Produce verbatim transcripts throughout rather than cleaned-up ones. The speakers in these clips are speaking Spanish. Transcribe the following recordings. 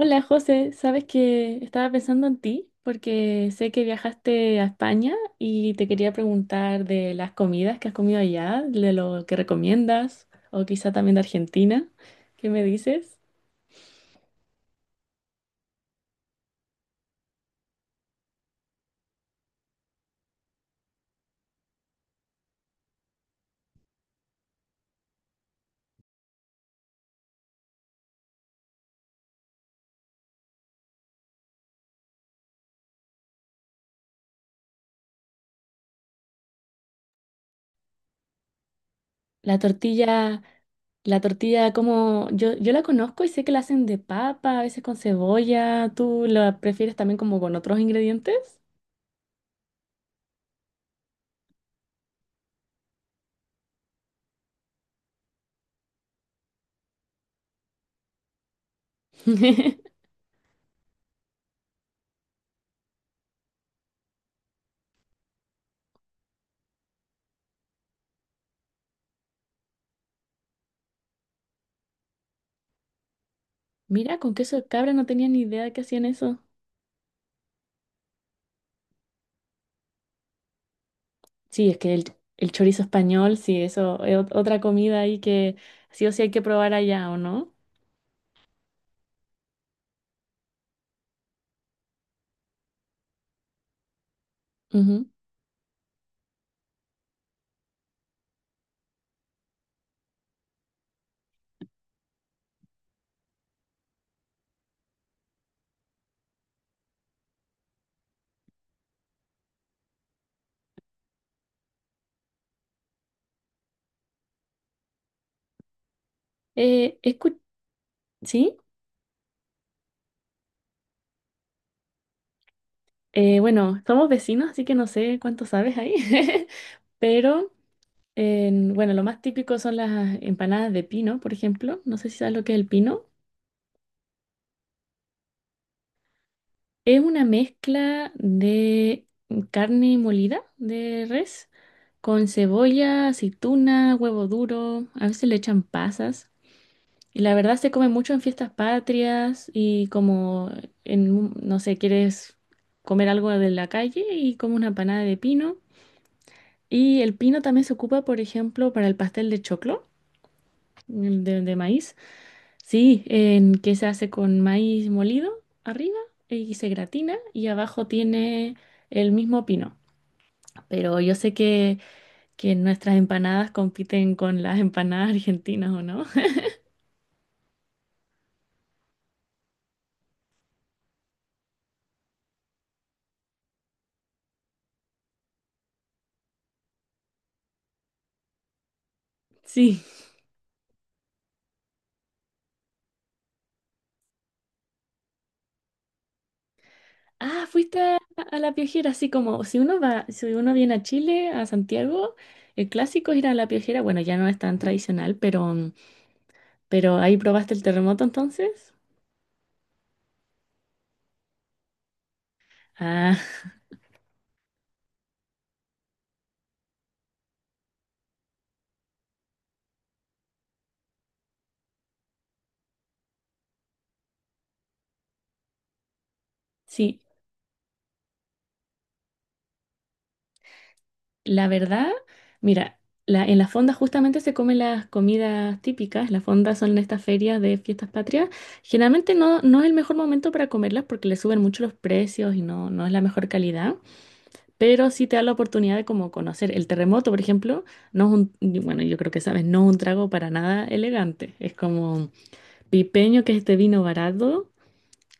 Hola José, sabes que estaba pensando en ti porque sé que viajaste a España y te quería preguntar de las comidas que has comido allá, de lo que recomiendas o quizá también de Argentina. ¿Qué me dices? La tortilla, la tortilla como yo, yo la conozco y sé que la hacen de papa, a veces con cebolla. ¿Tú la prefieres también como con otros ingredientes? Mira, con queso de cabra no tenía ni idea de que hacían eso. Sí, es que el, el chorizo español, sí, eso es ot- otra comida ahí que sí o sí hay que probar allá, ¿o no? Ujú. Eh, escu- sí, eh, bueno, somos vecinos, así que no sé cuánto sabes ahí, pero en- bueno, lo más típico son las empanadas de pino, por ejemplo. No sé si sabes lo que es el pino. Es una mezcla de carne molida de res con cebolla, aceituna, huevo duro, a veces le echan pasas. Y la verdad se come mucho en fiestas patrias y como en, un- no sé, quieres comer algo de la calle y como una panada de pino. Y el pino también se ocupa, por ejemplo, para el pastel de choclo, mm, de, de maíz. Sí, en, que se hace con maíz molido arriba y se gratina y abajo tiene el mismo pino. Pero yo sé que, que nuestras empanadas compiten con las empanadas argentinas, ¿o no? Sí. Ah, fuiste a, a la Piojera, así como si uno va, si uno viene a Chile, a Santiago, el clásico es ir a la Piojera, bueno, ya no es tan tradicional, pero, mm, pero ahí probaste el terremoto entonces. Ah, sí, la verdad, mira, la, en la fonda justamente se comen las comidas típicas, las fondas son estas ferias de fiestas patrias, generalmente no, no es el mejor momento para comerlas porque le suben mucho los precios y no, no es la mejor calidad. Pero sí te da la oportunidad de como conocer. El terremoto, por ejemplo, no es un, y bueno, yo creo que sabes, no es un trago para nada elegante. Es como pipeño, que es este vino barato,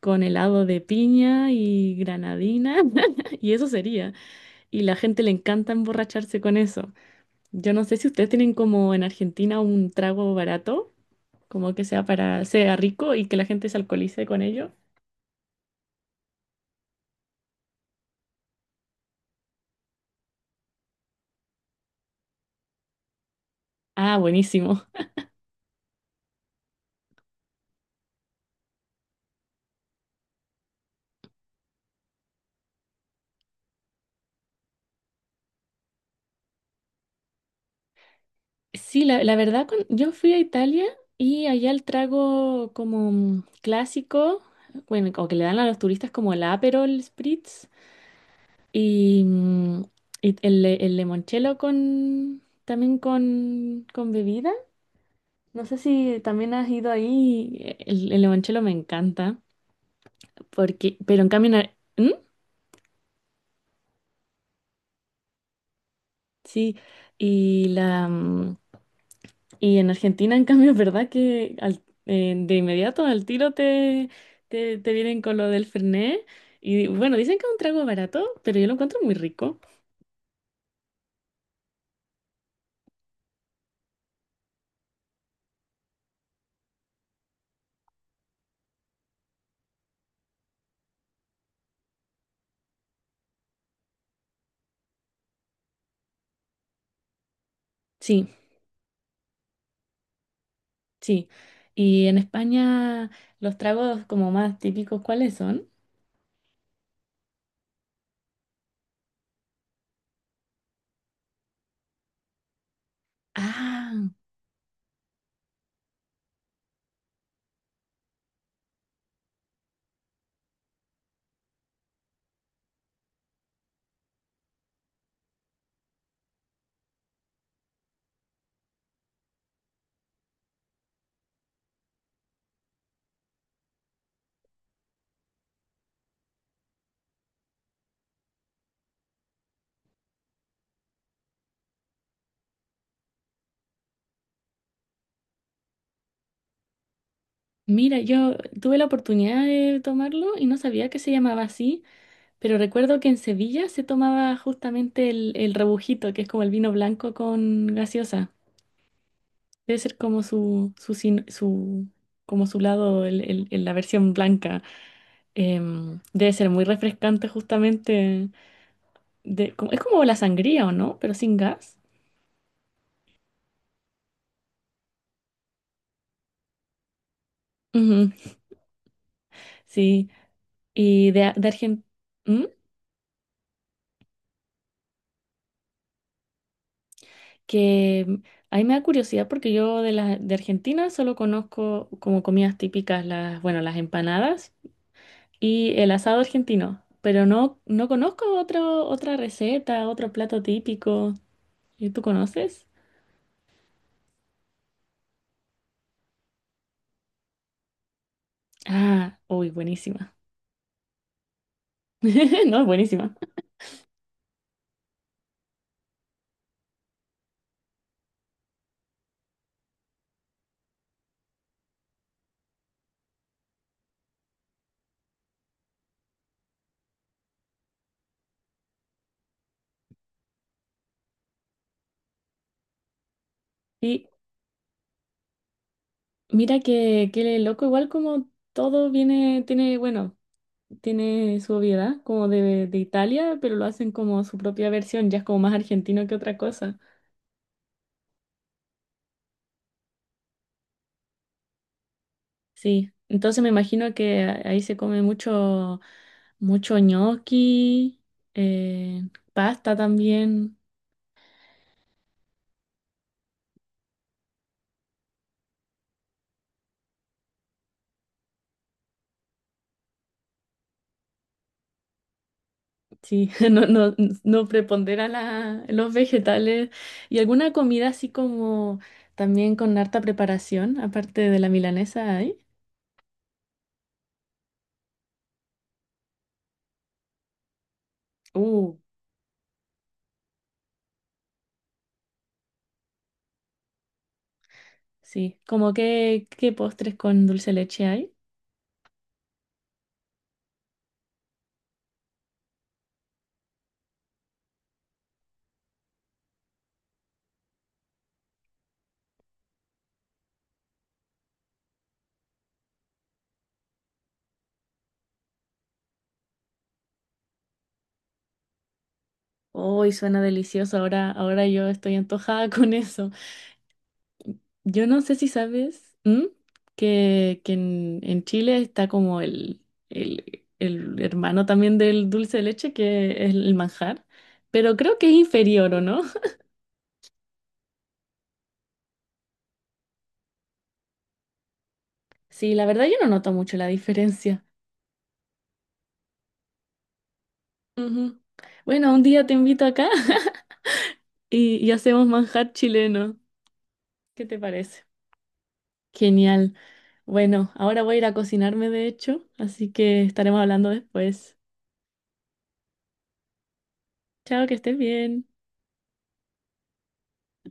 con helado de piña y granadina, y eso sería. Y la gente le encanta emborracharse con eso. Yo no sé si ustedes tienen como en Argentina un trago barato, como que sea para, sea rico y que la gente se alcoholice con ello. Ah, buenísimo. Sí, la, la verdad, cuan- yo fui a Italia y allá el trago como mm, clásico, bueno, o que le dan a los turistas como el Aperol Spritz y, mm, y el, le- el limoncello con, también con, con bebida. No sé si también has ido ahí, eh, el, el limoncello me encanta, porque, pero en cambio, en Ar- ¿Mm? Sí, y la, mm, y en Argentina, en cambio, es verdad que al- eh, de inmediato, al tiro, te, te, te vienen con lo del Fernet. Y bueno, dicen que es un trago barato, pero yo lo encuentro muy rico. Sí, sí. Y en España, los tragos como más típicos, ¿cuáles son? Ah, mira, yo tuve la oportunidad de tomarlo y no sabía que se llamaba así, pero recuerdo que en Sevilla se tomaba justamente el, el rebujito, que es como el vino blanco con gaseosa. Debe ser como su, su, sin- su- como su lado, el, el- el- la versión blanca. Em, debe ser muy refrescante justamente. De, como- es como la sangría, ¿o no? Pero sin gas. Ujú, sí. Y de, de Argentina, que mm, ahí me da curiosidad porque yo de, la, de Argentina solo conozco como comidas típicas las, bueno, las empanadas y el asado argentino. Pero no, no conozco otro, otra receta, otro plato típico. ¿Y tú conoces? Ah, uy, buenísima. No, es buenísima. Y mira que, que loco, igual como todo viene, tiene, bueno, tiene su obviedad, como de, de Italia, pero lo hacen como su propia versión, ya es como más argentino que otra cosa. Sí, entonces me imagino que a- ahí se come mucho, mucho ñoqui, eh, pasta también. Sí, no, no, no prepondera la- los vegetales y alguna comida así como también con harta preparación, aparte de la milanesa hay. Uh, sí, como qué, qué postres con dulce de leche hay. Uy, suena delicioso, ahora, ahora yo estoy antojada con eso. Yo no sé si sabes ¿m? Que, que en, en Chile está como el, el, el hermano también del dulce de leche, que es el manjar, pero creo que es inferior, ¿o no? Sí, la verdad yo no noto mucho la diferencia. Ujú. Bueno, un día te invito acá y, y hacemos manjar chileno. ¿Qué te parece? Genial. Bueno, ahora voy a ir a cocinarme, de hecho, así que estaremos hablando después. Chao, que estés bien.